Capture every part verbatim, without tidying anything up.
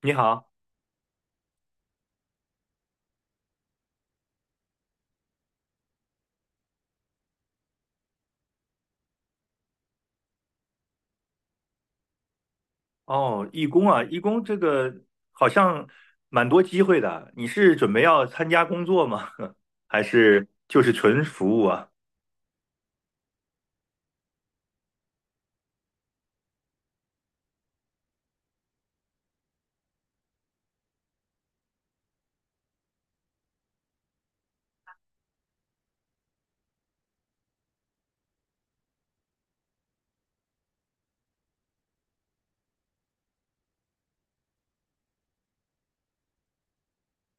你好，哦，义工啊，义工这个好像蛮多机会的。你是准备要参加工作吗？还是就是纯服务啊？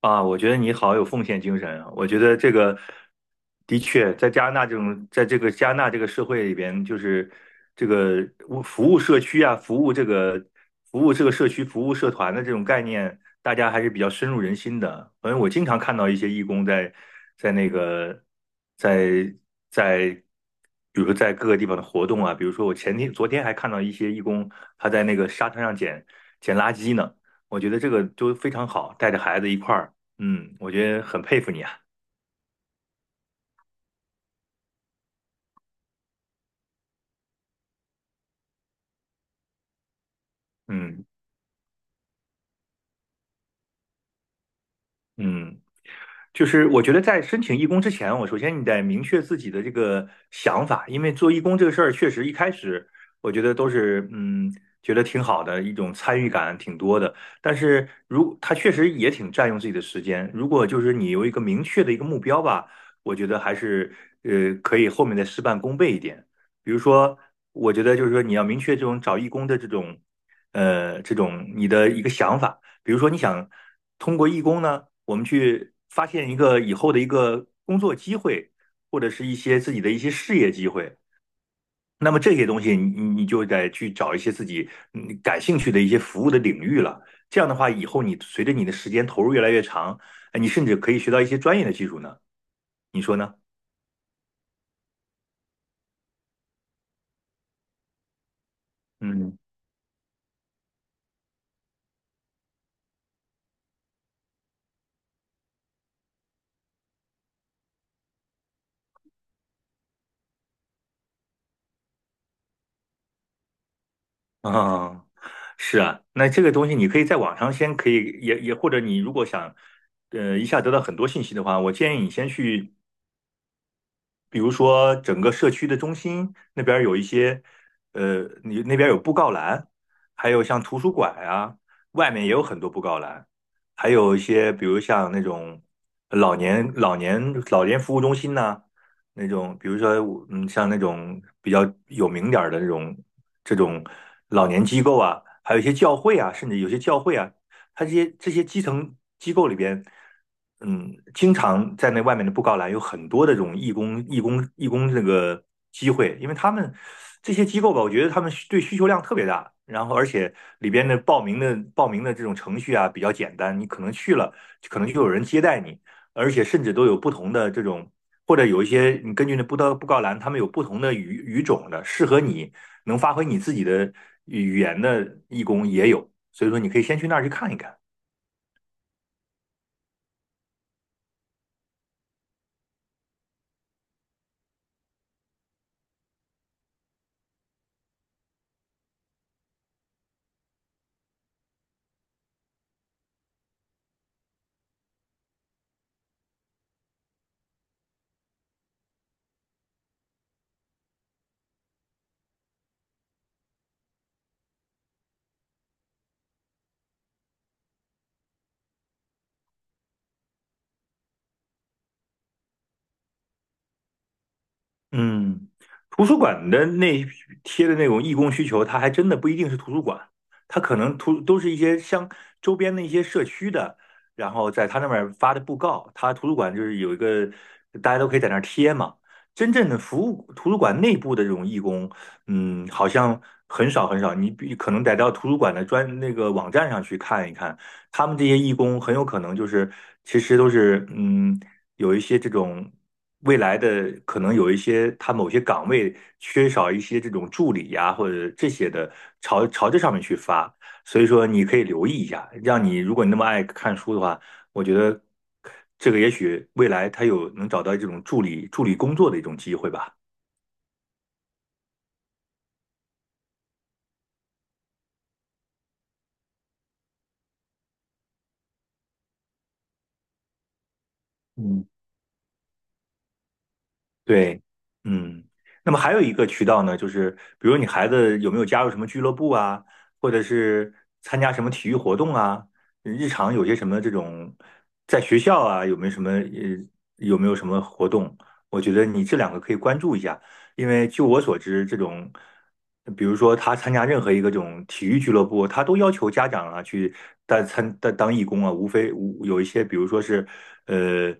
啊，我觉得你好有奉献精神啊！我觉得这个的确，在加拿大这种，在这个加拿大这个社会里边，就是这个服服务社区啊，服务这个服务这个社区、服务社团的这种概念，大家还是比较深入人心的。反正我经常看到一些义工在在那个在在，比如说在各个地方的活动啊，比如说我前天、昨天还看到一些义工他在那个沙滩上捡捡垃圾呢。我觉得这个就非常好，带着孩子一块儿。嗯，我觉得很佩服你啊。嗯嗯，就是我觉得在申请义工之前，我首先你得明确自己的这个想法，因为做义工这个事儿，确实一开始我觉得都是嗯，觉得挺好的一种参与感挺多的。但是如它确实也挺占用自己的时间。如果就是你有一个明确的一个目标吧，我觉得还是呃可以后面再事半功倍一点。比如说，我觉得就是说你要明确这种找义工的这种呃这种你的一个想法。比如说，你想通过义工呢，我们去发现一个以后的一个工作机会，或者是一些自己的一些事业机会。那么这些东西你，你你就得去找一些自己嗯感兴趣的一些服务的领域了。这样的话，以后你随着你的时间投入越来越长，哎你甚至可以学到一些专业的技术呢。你说呢？嗯啊，是啊，那这个东西你可以在网上先可以也也，或者你如果想呃一下得到很多信息的话，我建议你先去比如说整个社区的中心那边儿有一些，呃，你那边儿有布告栏，还有像图书馆啊，外面也有很多布告栏，还有一些比如像那种老年老年老年服务中心呐、那种比如说嗯，像那种比较有名点儿的这种这种老年机构啊，还有一些教会啊，甚至有些教会啊，他这些这些基层机构里边，嗯，经常在那外面的布告栏有很多的这种义工、义工、义工这个机会，因为他们这些机构吧，我觉得他们对需求量特别大，然后而且里边的报名的报名的这种程序啊比较简单，你可能去了，可能就有人接待你，而且甚至都有不同的这种。或者有一些，你根据那布告布告栏，他们有不同的语语种的，适合你能发挥你自己的语言的义工也有，所以说你可以先去那儿去看一看。嗯，图书馆的那贴的那种义工需求，它还真的不一定是图书馆，它可能图都是一些像周边的一些社区的，然后在他那边发的布告，他图书馆就是有一个大家都可以在那儿贴嘛。真正的服务图书馆内部的这种义工，嗯，好像很少很少，你比可能得到图书馆的专那个网站上去看一看，他们这些义工很有可能就是其实都是嗯。有一些这种未来的可能有一些他某些岗位缺少一些这种助理呀、或者这些的，朝朝这上面去发。所以说你可以留意一下，让你如果你那么爱看书的话，我觉得这个也许未来他有能找到这种助理助理工作的一种机会吧。嗯。对，嗯，那么还有一个渠道呢，就是比如你孩子有没有加入什么俱乐部啊，或者是参加什么体育活动啊，日常有些什么这种，在学校啊有没有什么呃有没有什么活动？我觉得你这两个可以关注一下，因为就我所知，这种比如说他参加任何一个这种体育俱乐部，他都要求家长啊去带参带当义工啊，无非无有一些比如说是。呃。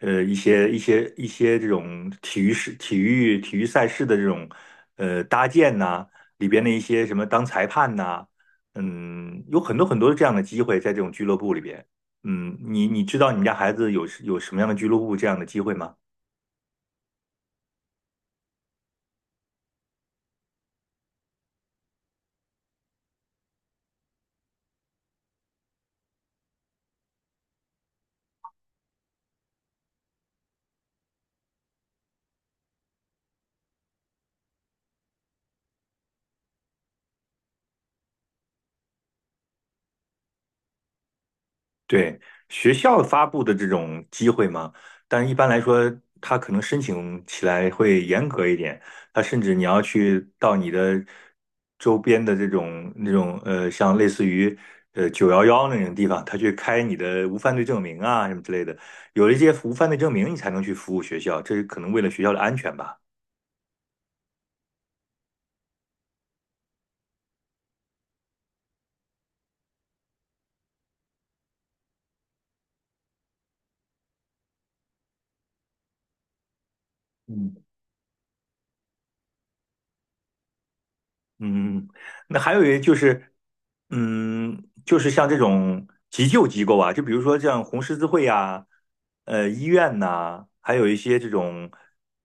呃一些一些一些这种体育事、体育体育赛事的这种呃搭建呐、里边的一些什么当裁判呐、嗯，有很多很多这样的机会在这种俱乐部里边。嗯，你你知道你们家孩子有有什么样的俱乐部这样的机会吗？对，学校发布的这种机会嘛，但一般来说，他可能申请起来会严格一点。他甚至你要去到你的周边的这种那种呃，像类似于呃九幺幺那种地方，他去开你的无犯罪证明啊什么之类的。有了一些无犯罪证明，你才能去服务学校，这是可能为了学校的安全吧。嗯。嗯，那还有一就是，嗯，就是像这种急救机构啊，就比如说像红十字会呀、呃医院呐、还有一些这种，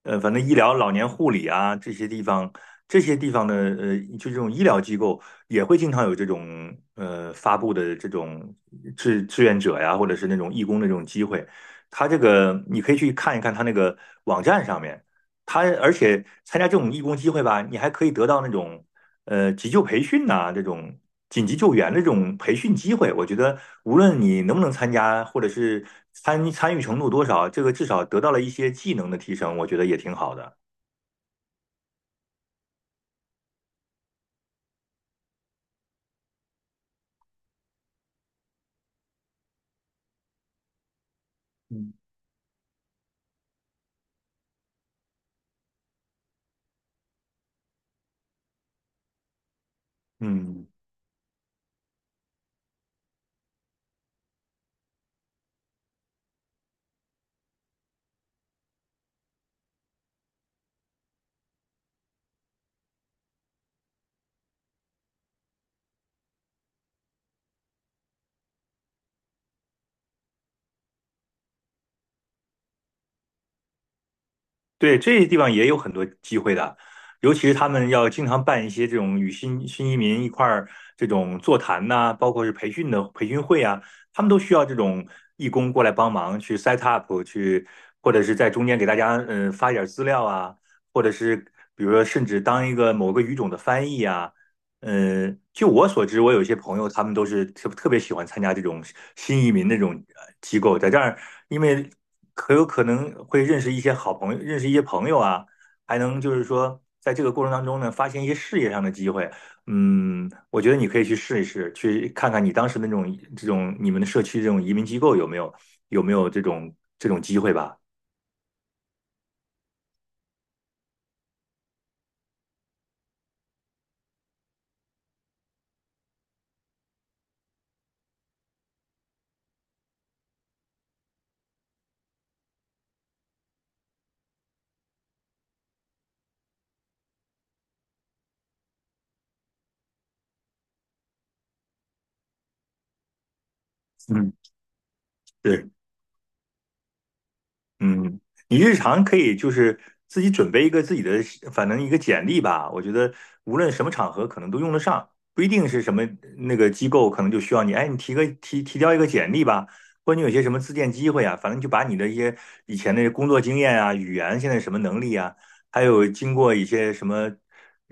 呃，反正医疗、老年护理啊这些地方，这些地方的呃，就这种医疗机构也会经常有这种呃发布的这种志志愿者呀，或者是那种义工的这种机会，他这个你可以去看一看他那个网站上面。他而且参加这种义工机会吧，你还可以得到那种呃急救培训呐、这种紧急救援的这种培训机会，我觉得无论你能不能参加，或者是参参与程度多少，这个至少得到了一些技能的提升，我觉得也挺好的。嗯，嗯，对，这些地方也有很多机会的，尤其是他们要经常办一些这种与新新移民一块儿这种座谈呐、包括是培训的培训会啊，他们都需要这种义工过来帮忙去 set up 去，或者是在中间给大家嗯、呃发一点儿资料啊，或者是比如说甚至当一个某个语种的翻译啊。呃，据我所知，我有一些朋友，他们都是特特别喜欢参加这种新移民那种呃机构，在这儿，因为可有可能会认识一些好朋友，认识一些朋友啊，还能就是说，在这个过程当中呢，发现一些事业上的机会。嗯，我觉得你可以去试一试，去看看你当时那种这种你们的社区这种移民机构有没有有没有这种这种机会吧。嗯，对。嗯，你日常可以就是自己准备一个自己的，反正一个简历吧。我觉得无论什么场合可能都用得上，不一定是什么那个机构可能就需要你。哎，你提个提提交一个简历吧，或者你有些什么自荐机会啊，反正就把你的一些以前的工作经验啊、语言现在什么能力啊，还有经过一些什么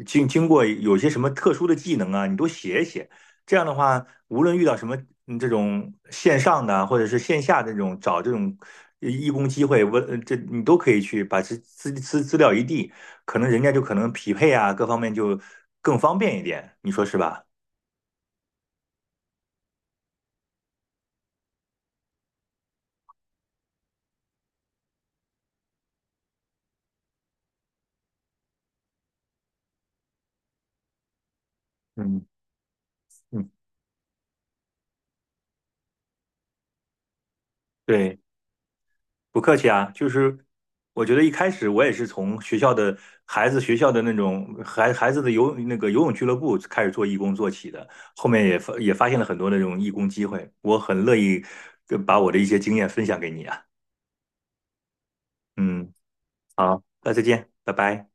经经过有些什么特殊的技能啊，你都写一写。这样的话，无论遇到什么嗯这种线上的啊或者是线下的这种找这种呃义工机会，我呃这你都可以去把资资资资料一递，可能人家就可能匹配啊，各方面就更方便一点，你说是吧？嗯嗯，对。不客气啊，就是我觉得一开始我也是从学校的孩子学校的那种孩孩子的游那个游泳俱乐部开始做义工做起的，后面也发也发现了很多那种义工机会，我很乐意呃把我的一些经验分享给你啊。嗯，好，那再见，拜拜。